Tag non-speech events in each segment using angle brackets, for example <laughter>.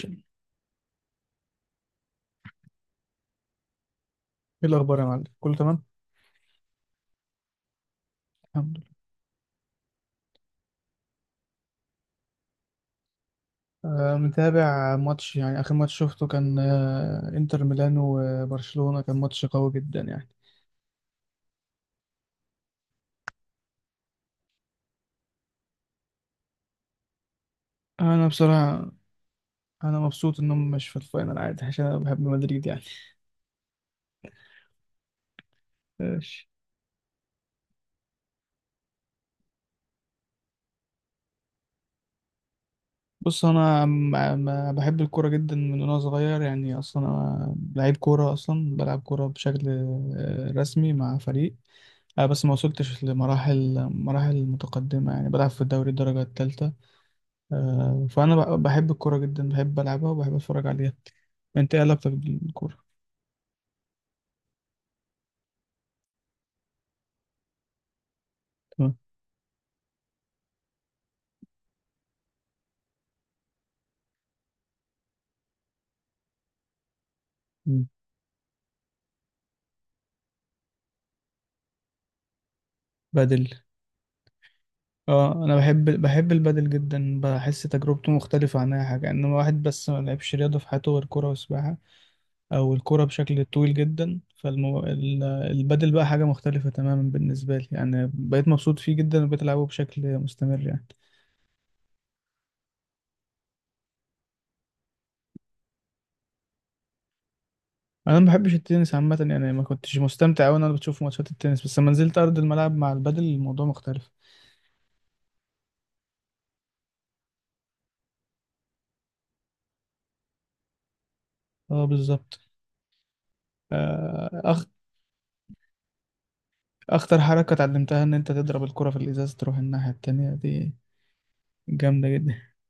ايه. الاخبار يا معلم، كله تمام؟ الحمد لله. متابع ماتش، يعني اخر ماتش شفته كان انتر ميلان وبرشلونة، كان ماتش قوي جدا يعني. انا بصراحة، انا مبسوط انهم مش في الفاينل، عادي، عشان انا بحب مدريد يعني. ماشي. بص، بحب الكوره جدا من وانا صغير يعني، اصلا انا لعيب كوره، اصلا بلعب كوره بشكل رسمي مع فريق. بس ما وصلتش لمراحل متقدمه يعني، بلعب في الدوري الدرجه الثالثه. فأنا بحب الكورة جدا، بحب ألعبها وبحب أتفرج عليها. أنت إيه علاقتك بالكورة؟ تمام. مم. بدل. اه، انا بحب البدل جدا، بحس تجربته مختلفه عن اي حاجه، انما واحد بس ما لعبش رياضه في حياته غير كوره وسباحه، او الكوره بشكل طويل جدا، البدل بقى حاجه مختلفه تماما بالنسبه لي يعني، بقيت مبسوط فيه جدا وبقيت العبه بشكل مستمر يعني. انا ما بحبش التنس عامه يعني، ما كنتش مستمتع وانا بشوف ماتشات التنس، بس لما نزلت ارض الملعب مع البدل الموضوع مختلف. اه بالظبط. آه، أخ... أخطر حركة اتعلمتها إن أنت تضرب الكرة في الإزاز تروح الناحية التانية دي. جامدة جدا. <laughs>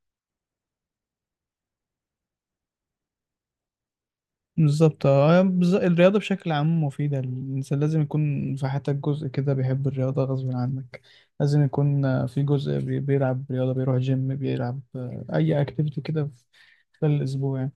بالظبط. الرياضة بشكل عام مفيدة، الإنسان لازم يكون في حياتك جزء كده بيحب الرياضة غصب عنك. لازم يكون في جزء بيلعب رياضة، بيروح جيم، بيلعب أي أكتيفيتي كده في في الأسبوع يعني.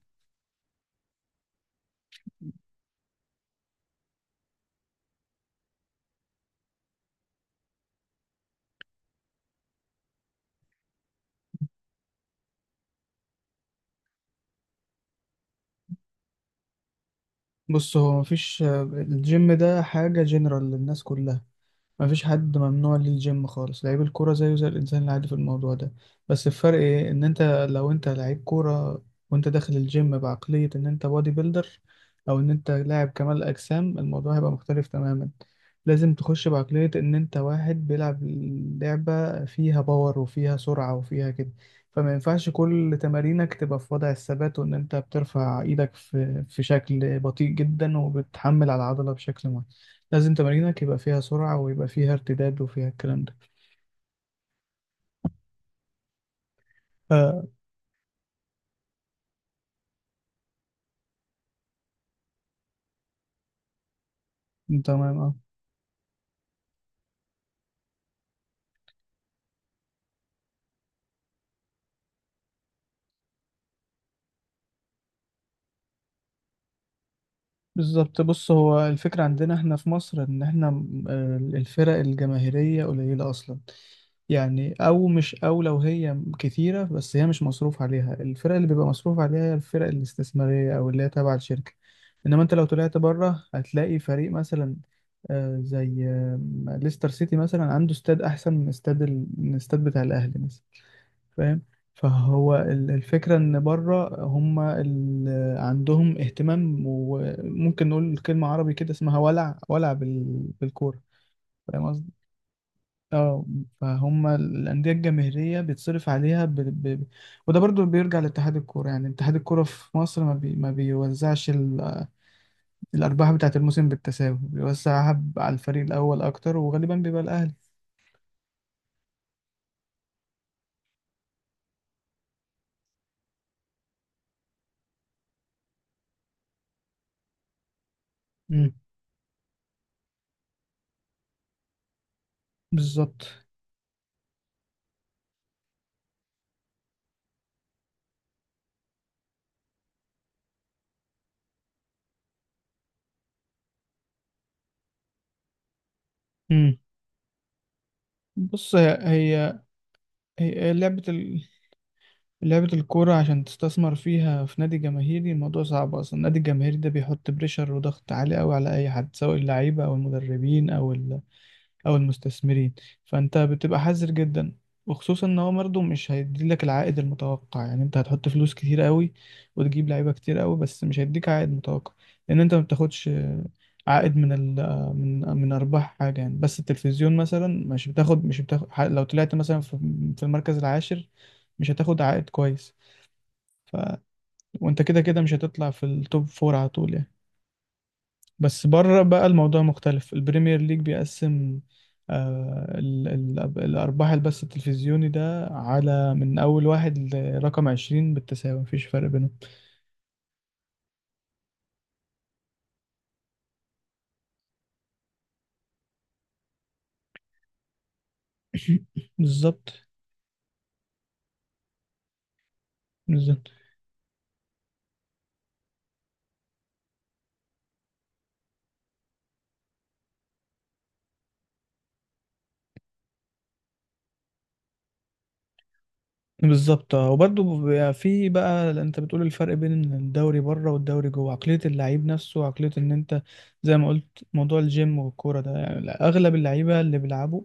بص، هو مفيش، الجيم ده حاجة جنرال للناس كلها، مفيش حد ممنوع ليه الجيم خالص. لعيب الكورة زيه زي الإنسان العادي في الموضوع ده. بس الفرق إيه؟ إن أنت، لو أنت لعيب كورة وأنت داخل الجيم بعقلية إن أنت بودي بيلدر، أو إن أنت لاعب كمال أجسام، الموضوع هيبقى مختلف تماما. لازم تخش بعقلية إن أنت واحد بيلعب لعبة فيها باور وفيها سرعة وفيها كده. فما ينفعش كل تمارينك تبقى في وضع الثبات، وإن أنت بترفع إيدك في في شكل بطيء جدا وبتحمل على العضلة بشكل معين. لازم تمارينك يبقى فيها سرعة ويبقى فيها ارتداد وفيها الكلام ده. آه. تمام. اه بالظبط. بص، هو الفكرة عندنا احنا في مصر ان احنا الفرق الجماهيرية قليلة اصلا يعني، او مش، او لو هي كتيرة بس هي مش مصروف عليها. الفرق اللي بيبقى مصروف عليها هي الفرق الاستثمارية، او اللي هي تابعة للشركة. انما انت لو طلعت بره هتلاقي فريق مثلا، آه، زي آه، ليستر سيتي مثلا، عنده استاد احسن من استاد من الاستاد بتاع الاهلي مثلا. فاهم؟ فهو الفكرة إن بره هم عندهم اهتمام، وممكن نقول كلمة عربي كده اسمها ولع، ولع بالكورة. فاهم قصدي؟ اه. فهم الأندية الجماهيرية بيتصرف عليها وده برضو بيرجع لاتحاد الكورة يعني. اتحاد الكورة في مصر، ما بيوزعش الأرباح بتاعة الموسم بالتساوي، بيوزعها على الفريق الأول أكتر، وغالبا بيبقى الأهلي. مم. بالظبط. مم. بص، هي لعبة لعبة الكورة عشان تستثمر فيها في نادي جماهيري، الموضوع صعب أصلا. النادي الجماهيري ده بيحط بريشر وضغط عالي أوي على أي حد، سواء اللعيبة أو المدربين أو المستثمرين. فأنت بتبقى حذر جدا، وخصوصا إن هو برضه مش هيديلك العائد المتوقع يعني. أنت هتحط فلوس كتير أوي وتجيب لعيبة كتير أوي، بس مش هيديك عائد متوقع، لأن أنت ما بتاخدش عائد من ال من من أرباح حاجة يعني. بس التلفزيون مثلا، مش بتاخد لو طلعت مثلا في في المركز العاشر، مش هتاخد عائد كويس. وانت كده كده مش هتطلع في التوب فور على طول يعني. بس بره بقى الموضوع مختلف، البريمير ليج بيقسم آه ال ال الأرباح، البث التلفزيوني ده، على من أول واحد لرقم عشرين بالتساوي، مفيش فرق بينهم. <laughs> بالظبط، بالظبط، بالظبط. اه وبرضه بيبقى في بقى، انت بتقول الفرق بين الدوري بره والدوري جوه، عقلية اللعيب نفسه وعقلية ان انت، زي ما قلت، موضوع الجيم والكورة ده يعني. اغلب اللعيبة اللي بيلعبوا،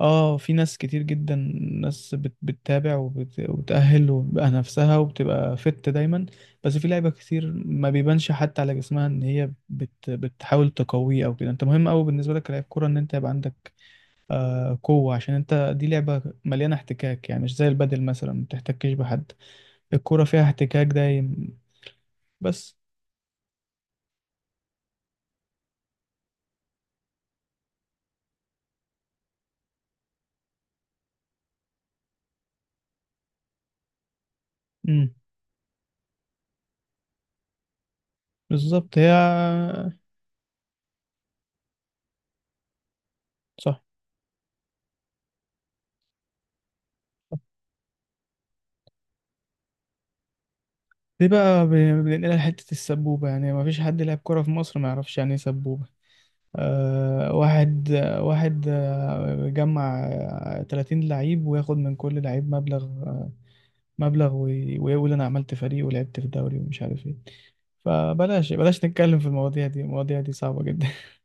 اه، في ناس كتير جدا، ناس بتتابع وبتأهل وبتبقى نفسها وبتبقى فت دايما. بس في لعيبة كتير ما بيبانش حتى على جسمها ان هي بتحاول تقويه او كده. انت مهم قوي بالنسبة لك كلاعب كورة ان انت يبقى عندك قوة، عشان انت دي لعبة مليانة احتكاك يعني، مش زي البادل مثلا ما بتحتكش بحد، الكورة فيها احتكاك دايم بس. امم. بالظبط صح. دي بقى بننقلها لحتة السبوبة يعني. ما فيش حد يلعب كورة في مصر ما يعرفش يعني ايه سبوبة. واحد، جمع 30 لعيب وياخد من كل لعيب مبلغ، ويقول انا عملت فريق ولعبت في دوري ومش عارف ايه. فبلاش، بلاش نتكلم في المواضيع دي، المواضيع دي صعبة جدا. <laughs>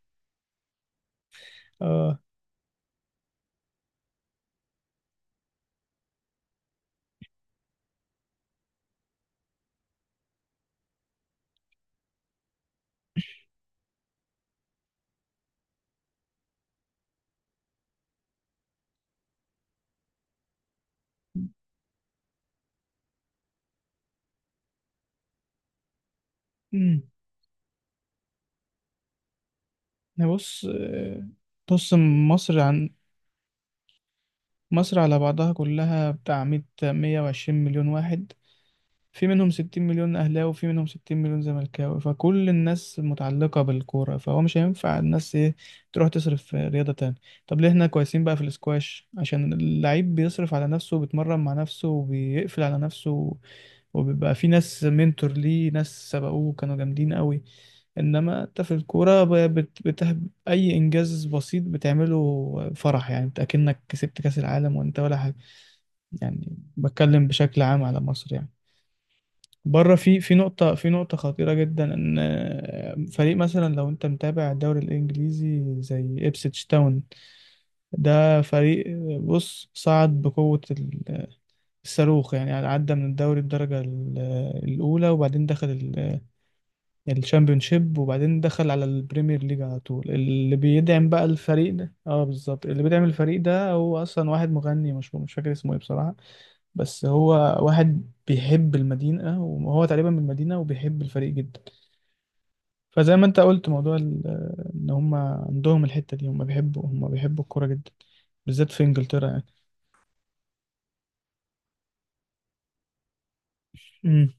اه. امم. بص آه، بص. مصر عن مصر على بعضها كلها بتاع 100 120 مليون واحد، في منهم 60 مليون اهلاوي وفي منهم 60 مليون زملكاوي، فكل الناس متعلقة بالكورة، فهو مش هينفع الناس ايه، تروح تصرف في رياضة تانية. طب ليه احنا كويسين بقى في الاسكواش؟ عشان اللعيب بيصرف على نفسه وبيتمرن مع نفسه وبيقفل على نفسه، وبيبقى في ناس منتور ليه، ناس سبقوه كانوا جامدين قوي. انما انت في الكورة اي انجاز بسيط بتعمله فرح يعني، انت اكنك كسبت كاس العالم وانت ولا حاجة، يعني بتكلم بشكل عام على مصر يعني. بره في في نقطة خطيرة جدا، ان فريق مثلا، لو انت متابع الدوري الانجليزي، زي ابسيتش تاون، ده فريق، بص صعد بقوة الصاروخ يعني، يعني عدى من الدوري الدرجة الأولى، وبعدين دخل الشامبيونشيب، وبعدين دخل على البريمير ليج على طول. اللي بيدعم بقى الفريق ده، اه بالظبط، اللي بيدعم الفريق ده هو اصلا واحد مغني مشهور، مش فاكر اسمه ايه بصراحة، بس هو واحد بيحب المدينة وهو تقريبا من المدينة وبيحب الفريق جدا. فزي ما انت قلت موضوع ان هم عندهم الحتة دي، هم بيحبوا الكورة جدا، بالذات في انجلترا يعني. امم.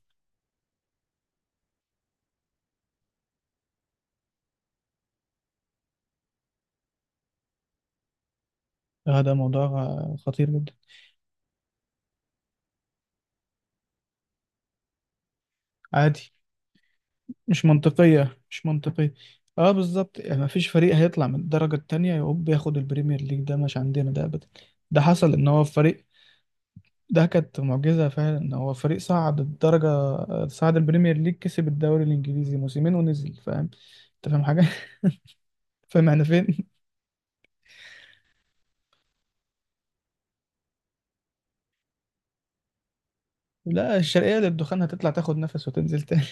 هذا موضوع خطير جدا. عادي. مش منطقية. اه بالظبط، يعني مفيش فريق هيطلع من الدرجة التانية يقوم ياخد البريمير ليج، ده مش عندنا ده ابدا. ده حصل ان هو فريق، ده كانت معجزة فعلا، ان هو فريق صعد الدرجة، صعد البريمير ليج، كسب الدوري الانجليزي موسمين ونزل. فاهم؟ انت فاهم حاجة؟ <laughs> فاهم احنا فين؟ لا، الشرقية للدخان هتطلع تاخد نفس وتنزل تاني.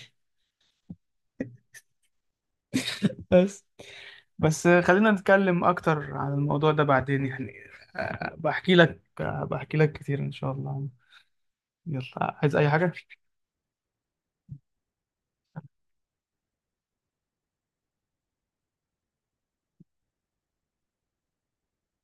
<laughs> بس، بس خلينا نتكلم أكتر عن الموضوع ده بعدين يعني، بحكي لك كتير إن شاء الله. يلا، عايز أي حاجة؟